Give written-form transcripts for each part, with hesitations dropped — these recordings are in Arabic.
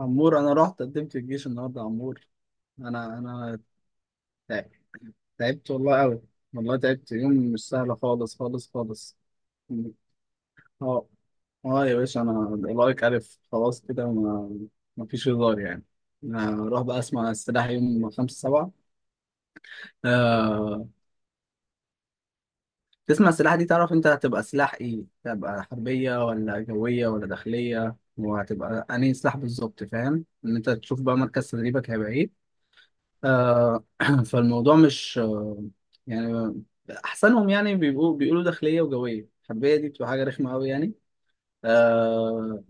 عمور، انا رحت قدمت الجيش النهارده يا عمور. انا تعبت. تعبت والله قوي. والله تعبت يوم مش سهل، خالص خالص خالص. اه اه يا باشا، انا لايك الف خلاص كده. ما فيش هزار يعني. انا اروح بقى اسمع السلاح يوم 5/7. آه... تسمع السلاح دي تعرف انت هتبقى سلاح ايه، هتبقى حربية ولا جوية ولا داخلية، وهتبقى انهي سلاح بالظبط، فاهم، ان انت تشوف بقى مركز تدريبك هيبقى ايه. آه، فالموضوع مش يعني احسنهم يعني بيبقوا بيقولوا داخليه وجويه، الحربيه دي بتبقى حاجه رخمه قوي يعني. آه.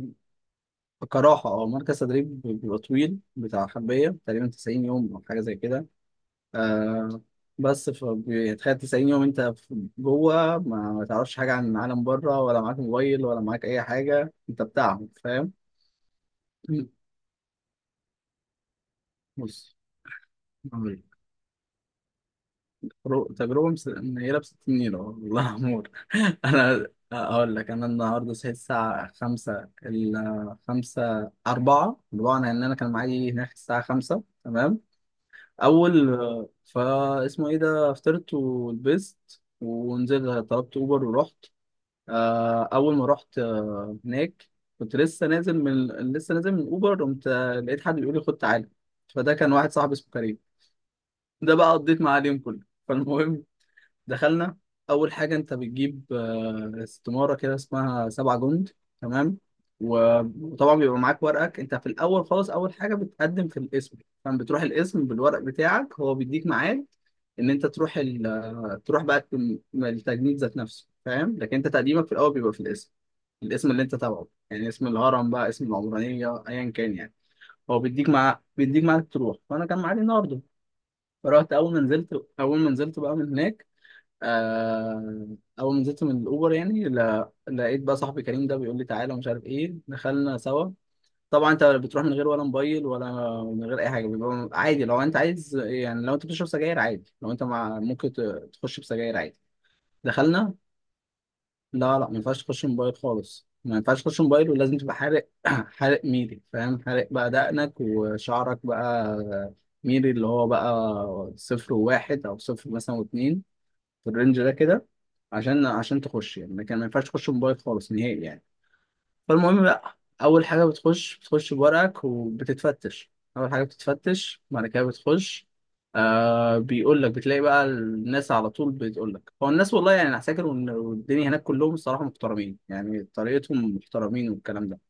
كراحه اه، مركز تدريب بيبقى طويل بتاع حربيه تقريبا 90 يوم او حاجه زي كده. آه. بس فبيتخيل 90 يوم انت جوه، ما تعرفش حاجه عن العالم بره، ولا معاك موبايل ولا معاك اي حاجه انت بتاعهم، فاهم. بص، تجربة منيلة بستين نيلة والله يا عمور. أنا أقول لك، أنا النهاردة صحيت الساعة 5:44، لأن أنا كان معايا هناك الساعة 5 تمام أول. فا اسمه إيه ده، فطرت ولبست ونزلت، طلبت أوبر ورحت. أول ما رحت هناك، كنت لسه نازل من أوبر، قمت لقيت حد بيقول لي خد تعالى. فده كان واحد صاحبي اسمه كريم. ده بقى قضيت معاه اليوم كله. فالمهم، دخلنا. اول حاجه انت بتجيب استماره كده اسمها 7 جند، تمام. و- وطبعا بيبقى معاك ورقك. انت في الاول خالص اول حاجه بتقدم في القسم، فاهم. بتروح القسم بالورق بتاعك، هو بيديك ميعاد ان انت تروح تروح بقى التجنيد ذات نفسه، فاهم. لكن انت تقديمك في الاول بيبقى في القسم، الاسم اللي انت تبعه يعني اسم الهرم بقى اسم العمرانيه ايا كان يعني. هو بيديك، مع بيديك معاك تروح. فانا كان معايا النهارده. فرحت، اول ما نزلت بقى من هناك. آه، اول ما نزلت من الاوبر يعني، لقيت بقى صاحبي كريم ده بيقول لي تعالى ومش عارف ايه، دخلنا سوا. طبعا انت بتروح من غير ولا موبايل ولا، من غير اي حاجه. بيبقى عادي لو انت عايز يعني، لو انت بتشرب سجاير عادي، لو انت مع ممكن تخش بسجاير عادي. دخلنا. لا لا، ما ينفعش تخش موبايل خالص، ما ينفعش تخش موبايل ولازم تبقى حارق. حارق ميري فاهم، حارق بقى دقنك وشعرك بقى ميري، اللي هو بقى صفر وواحد، او صفر مثلا واتنين، في الرينج ده كده، عشان تخش يعني. ما ينفعش تخش موبايل خالص نهائي يعني. فالمهم بقى، اول حاجه بتخش بورقك وبتتفتش. اول حاجه بتتفتش، بعد كده بتخش. آه. بيقول لك، بتلاقي بقى الناس على طول بتقول لك، هو الناس والله يعني انا فاكر والدنيا هناك كلهم الصراحه محترمين يعني، طريقتهم محترمين والكلام ده.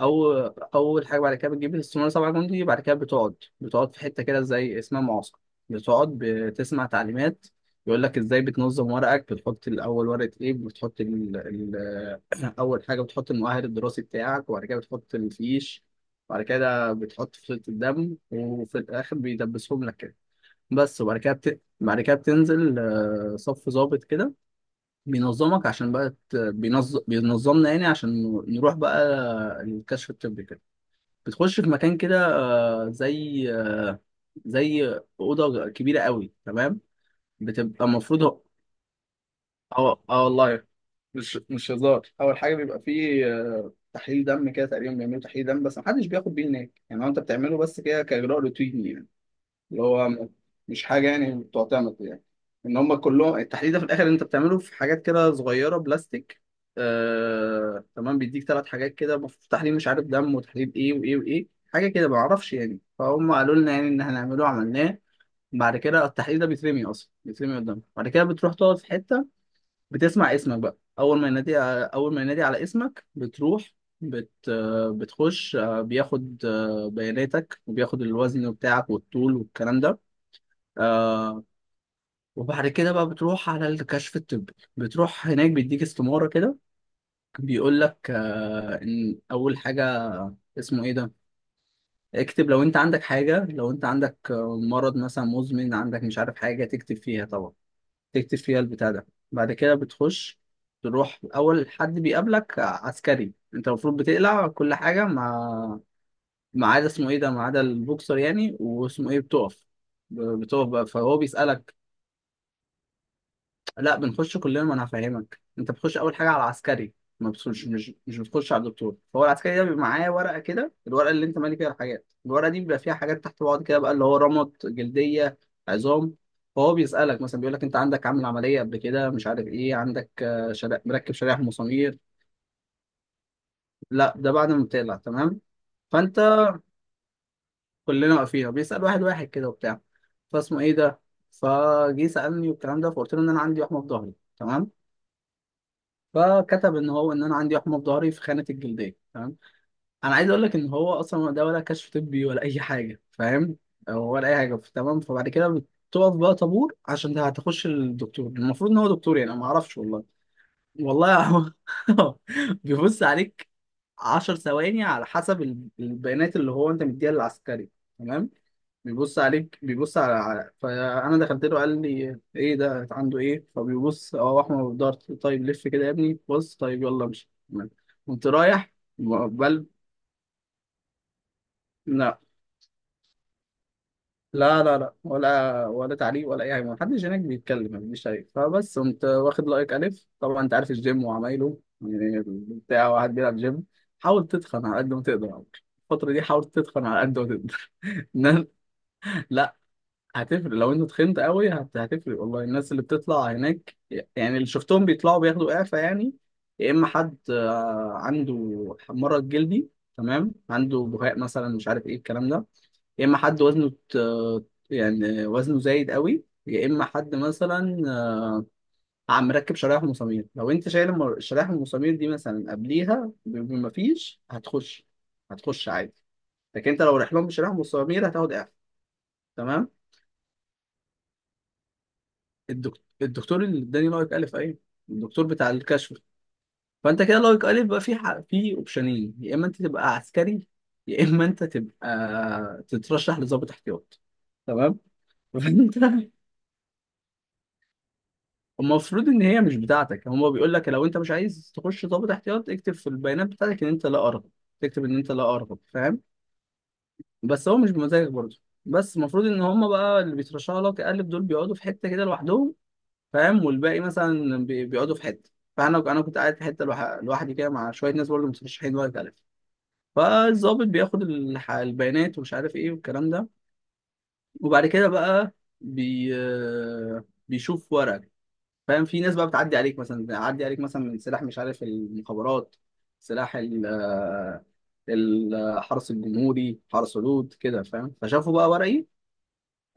او اول حاجه بعد كده بتجيب الاستماره 7 جندي، بعد كده بتقعد في حته كده زي اسمها معسكر، بتقعد بتسمع تعليمات. يقول لك ازاي بتنظم ورقك، بتحط الاول ورقه ايه، بتحط اول حاجه بتحط المؤهل الدراسي بتاعك، وبعد كده بتحط الفيش، وبعد كده بتحط فصيله الدم، وفي الاخر بيدبسهم لك كده بس. وبعد كده بعد كده بتنزل، صف ظابط كده بينظمك عشان بقى بينظمنا يعني عشان نروح بقى الكشف الطبي كده. بتخش في مكان كده زي اوضه كبيره قوي تمام. بتبقى المفروض. اه والله، مش هزار. اول حاجه بيبقى فيه تحليل دم كده، تقريبا بيعملوا تحليل دم، بس محدش بياخد بيه هناك يعني، هو انت بتعمله بس كده كاجراء روتيني يعني. اللي هو مش حاجه يعني تعتمد يعني، ان هم كلهم التحليل ده في الاخر انت بتعمله في حاجات كده صغيره بلاستيك. تمام، بيديك ثلاث حاجات كده تحليل مش عارف دم، وتحليل ايه وايه وايه حاجه كده ما اعرفش يعني، فهم قالوا لنا يعني ان احنا هنعمله عملناه. بعد كده التحليل ده بيترمي اصلا، بيترمي قدامك. بعد كده بتروح تقعد في حته، بتسمع اسمك بقى. اول ما ينادي على اسمك بتروح، بت... آه، بتخش بياخد بياناتك، وبياخد الوزن بتاعك والطول والكلام ده. آه. وبعد كده بقى بتروح على الكشف الطبي، بتروح هناك بيديك استمارة كده، بيقول لك آه ان اول حاجة اسمه ايه ده، اكتب لو انت عندك حاجة، لو انت عندك مرض مثلا مزمن عندك مش عارف حاجة، تكتب فيها طبعا، تكتب فيها البتاع ده. بعد كده بتخش، تروح اول حد بيقابلك عسكري. انت المفروض بتقلع كل حاجة، ما عدا اسمه ايه ده، ما عدا البوكسر يعني، واسمه ايه، بتقف بقى، فهو بيسألك. لا، بنخش كلنا، ما انا هفهمك. انت بتخش اول حاجه على عسكري، ما بتخش مش مش بتخش على الدكتور. فهو العسكري ده بيبقى معاه ورقه كده، الورقه اللي انت مالي فيها الحاجات، الورقه دي بيبقى فيها حاجات تحت بعض كده بقى اللي هو رمط جلديه، عظام. فهو بيسالك مثلا، بيقول لك انت عندك عامل عمليه قبل كده مش عارف ايه، عندك مركب شرايح مسامير. لا ده بعد ما بتقلع تمام. فانت كلنا واقفين، بيسال واحد واحد كده وبتاع. فاسمه ايه ده، فجه سالني والكلام ده، فقلت له ان انا عندي وحمه في ظهري تمام. فكتب ان هو ان انا عندي وحمه في ظهري في خانه الجلديه تمام. انا عايز اقول لك ان هو اصلا ده ولا كشف طبي ولا اي حاجه، فاهم، أو ولا اي حاجه تمام. فبعد كده بتقف بقى طابور عشان ده هتخش الدكتور. المفروض ان هو دكتور يعني، أنا ما اعرفش والله. والله هو بيبص عليك 10 ثواني على حسب البيانات اللي هو انت مديها للعسكري تمام. بيبص عليك، فانا دخلت له قال لي ايه ده عنده ايه، فبيبص، اه احمر في ضهر، طيب لف كده يا ابني، بص طيب يلا امشي. قمت رايح. بل لا لا لا لا، ولا تعليق ولا اي حاجه، ما حدش هناك بيتكلم، ما فيش شيء. فبس قمت واخد لايك الف. طبعا انت عارف الجيم وعمايله يعني، بتاع واحد بيلعب جيم. حاول تتخن على قد ما تقدر، الفتره دي حاول تتخن على قد ما تقدر. لا، هتفرق. لو انت تخنت قوي هتفرق والله. الناس اللي بتطلع هناك يعني، اللي شفتهم بيطلعوا بياخدوا اعفاء يعني، يا اما حد عنده مرض جلدي تمام، عنده بهاق مثلا مش عارف ايه الكلام ده، يا اما حد وزنه يعني وزنه زايد قوي، يا اما حد مثلا عم مركب شرايح ومسامير. لو انت شايل الشرايح والمسامير دي مثلا قبليها بمفيش، هتخش هتخش عادي. لكن انت لو رايح لهم بشرايح ومسامير هتاخد اعفاء تمام. الدكتور اللي اداني لايك الف، ايوه، الدكتور بتاع الكشف. فانت كده لايك الف بقى، في في اوبشنين، يا اما انت تبقى عسكري، يا اما انت تبقى تترشح لضابط احتياط تمام. فانت المفروض ان هي مش بتاعتك، هما بيقول لك لو انت مش عايز تخش ضابط احتياط اكتب في البيانات بتاعتك ان انت لا ارغب، تكتب ان انت لا ارغب فاهم. بس هو مش بمزاجك برضه. بس المفروض ان هما بقى اللي بيترشحوا لك الف دول بيقعدوا في حته كده لوحدهم فاهم، والباقي مثلا بيقعدوا في حته. فانا كنت قاعد في حته لوحدي كده مع شويه ناس برضه مترشحين ولا تعرف. فالظابط بياخد البيانات ومش عارف ايه والكلام ده، وبعد كده بقى بي بيشوف ورقك فاهم. في ناس بقى بتعدي عليك، مثلا من سلاح مش عارف المخابرات، سلاح الحرس الجمهوري، حرس حدود كده فاهم. فشافوا بقى ورقي،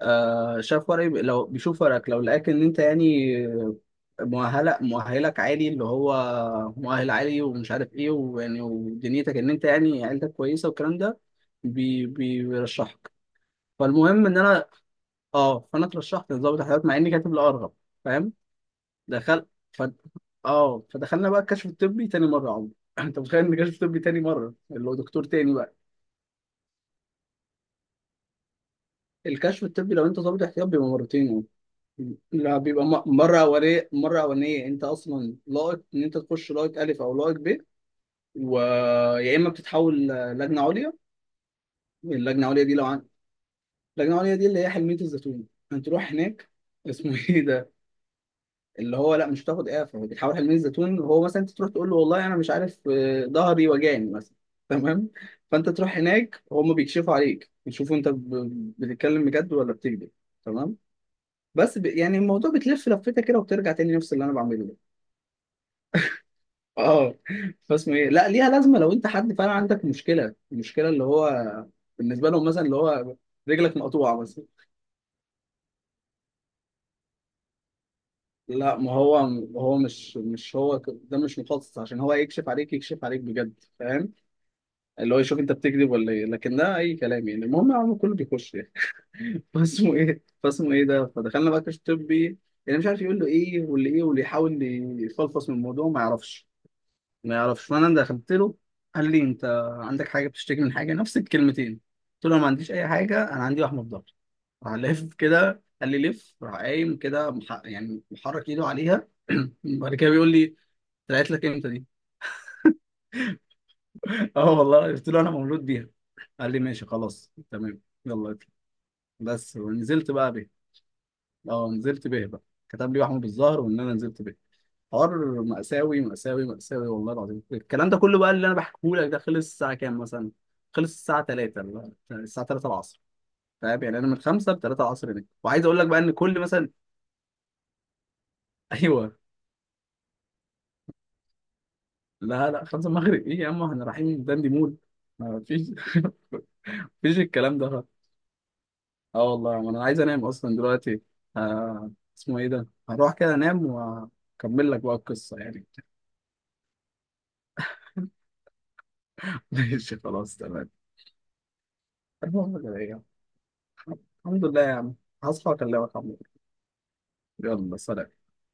آه شاف ورقي، لو بيشوف ورقك لو لقاك ان انت يعني مؤهلك عالي اللي هو مؤهل عالي ومش عارف ايه ويعني ودنيتك ان انت يعني عيلتك كويسه والكلام ده، بي بي بيرشحك. فالمهم ان انا، اه فانا اترشحت لضابط الحيوانات مع اني كاتب الارغب فاهم. دخل. ف... اه فدخلنا بقى الكشف الطبي تاني مره يا عمرو. انت متخيل ان الكشف الطبي تاني مره، اللي هو دكتور تاني بقى. الكشف الطبي لو انت ضابط احتياط بيبقى مرتين. لا، بيبقى مره اوليه، مره اولانيه انت اصلا لائق ان انت تخش، لائق الف او لائق ب، ويا اما بتتحول لجنه عليا. اللجنه العليا دي لو عن... اللجنه العليا دي اللي هي حلميه الزيتون، انت تروح هناك. اسمه ايه ده، اللي هو لا مش هتاخد اعفاء، هو بيتحول حلميه الزيتون، وهو مثلا انت تروح تقول له والله انا مش عارف، ظهري وجعني مثلا تمام. فانت تروح هناك، وهم بيكشفوا عليك بيشوفوا انت بتتكلم بجد ولا بتكذب تمام. بس يعني الموضوع بتلف لفتة كده وبترجع تاني نفس اللي انا بعمله. اه. فاسمه ايه، لا ليها لازمه لو انت حد فعلا عندك مشكله، المشكله اللي هو بالنسبه لهم مثلا اللي هو رجلك مقطوعه مثلا. لا ما هو، هو مش هو ده مش مخصص عشان هو يكشف عليك، يكشف عليك بجد فاهم، اللي هو يشوف انت بتكذب ولا ايه، لكن ده اي كلام يعني، المهم يا عم كله بيخش يعني. فاسمه ايه، فاسمه ايه ده فدخلنا بقى كشف طبي. يعني مش عارف يقول له ايه واللي ايه واللي يحاول يفلفص من الموضوع ما يعرفش، ما يعرفش. فانا ده دخلت له، قال لي انت عندك حاجه بتشتكي من حاجه نفس الكلمتين. قلت له أنا ما عنديش اي حاجه، انا عندي وحمه في ضهري. راح لف كده قال لي لف، راح قايم كده يعني محرك ايده عليها. بعد كده بيقول لي طلعت لك امتى دي. اه والله قلت له انا مولود بيها. قال لي ماشي خلاص تمام يلا اطلع بس، ونزلت بقى به. اه نزلت به بقى، كتب لي وحمه بالظهر وان انا نزلت به. حوار مأساوي مأساوي مأساوي والله العظيم. الكلام ده كله بقى اللي انا بحكيه لك ده خلص الساعة كام مثلا؟ خلص الساعة 3، الساعة 3 العصر فاهم، يعني انا من 5 ل 3 العصر هناك. وعايز اقول لك بقى ان كل مثلا. ايوه. لا لا، 5 المغرب ايه يا عم، احنا رايحين داندي مول، ما فيش. مفيش الكلام ده. اه والله انا عايز انام اصلا دلوقتي. آه، اسمه ايه ده، هروح كده انام واكمل لك بقى القصه يعني. ماشي خلاص تمام. المهم كده إيه. الحمد لله يا عم، هصحى اكلمك عم. يلا سلام.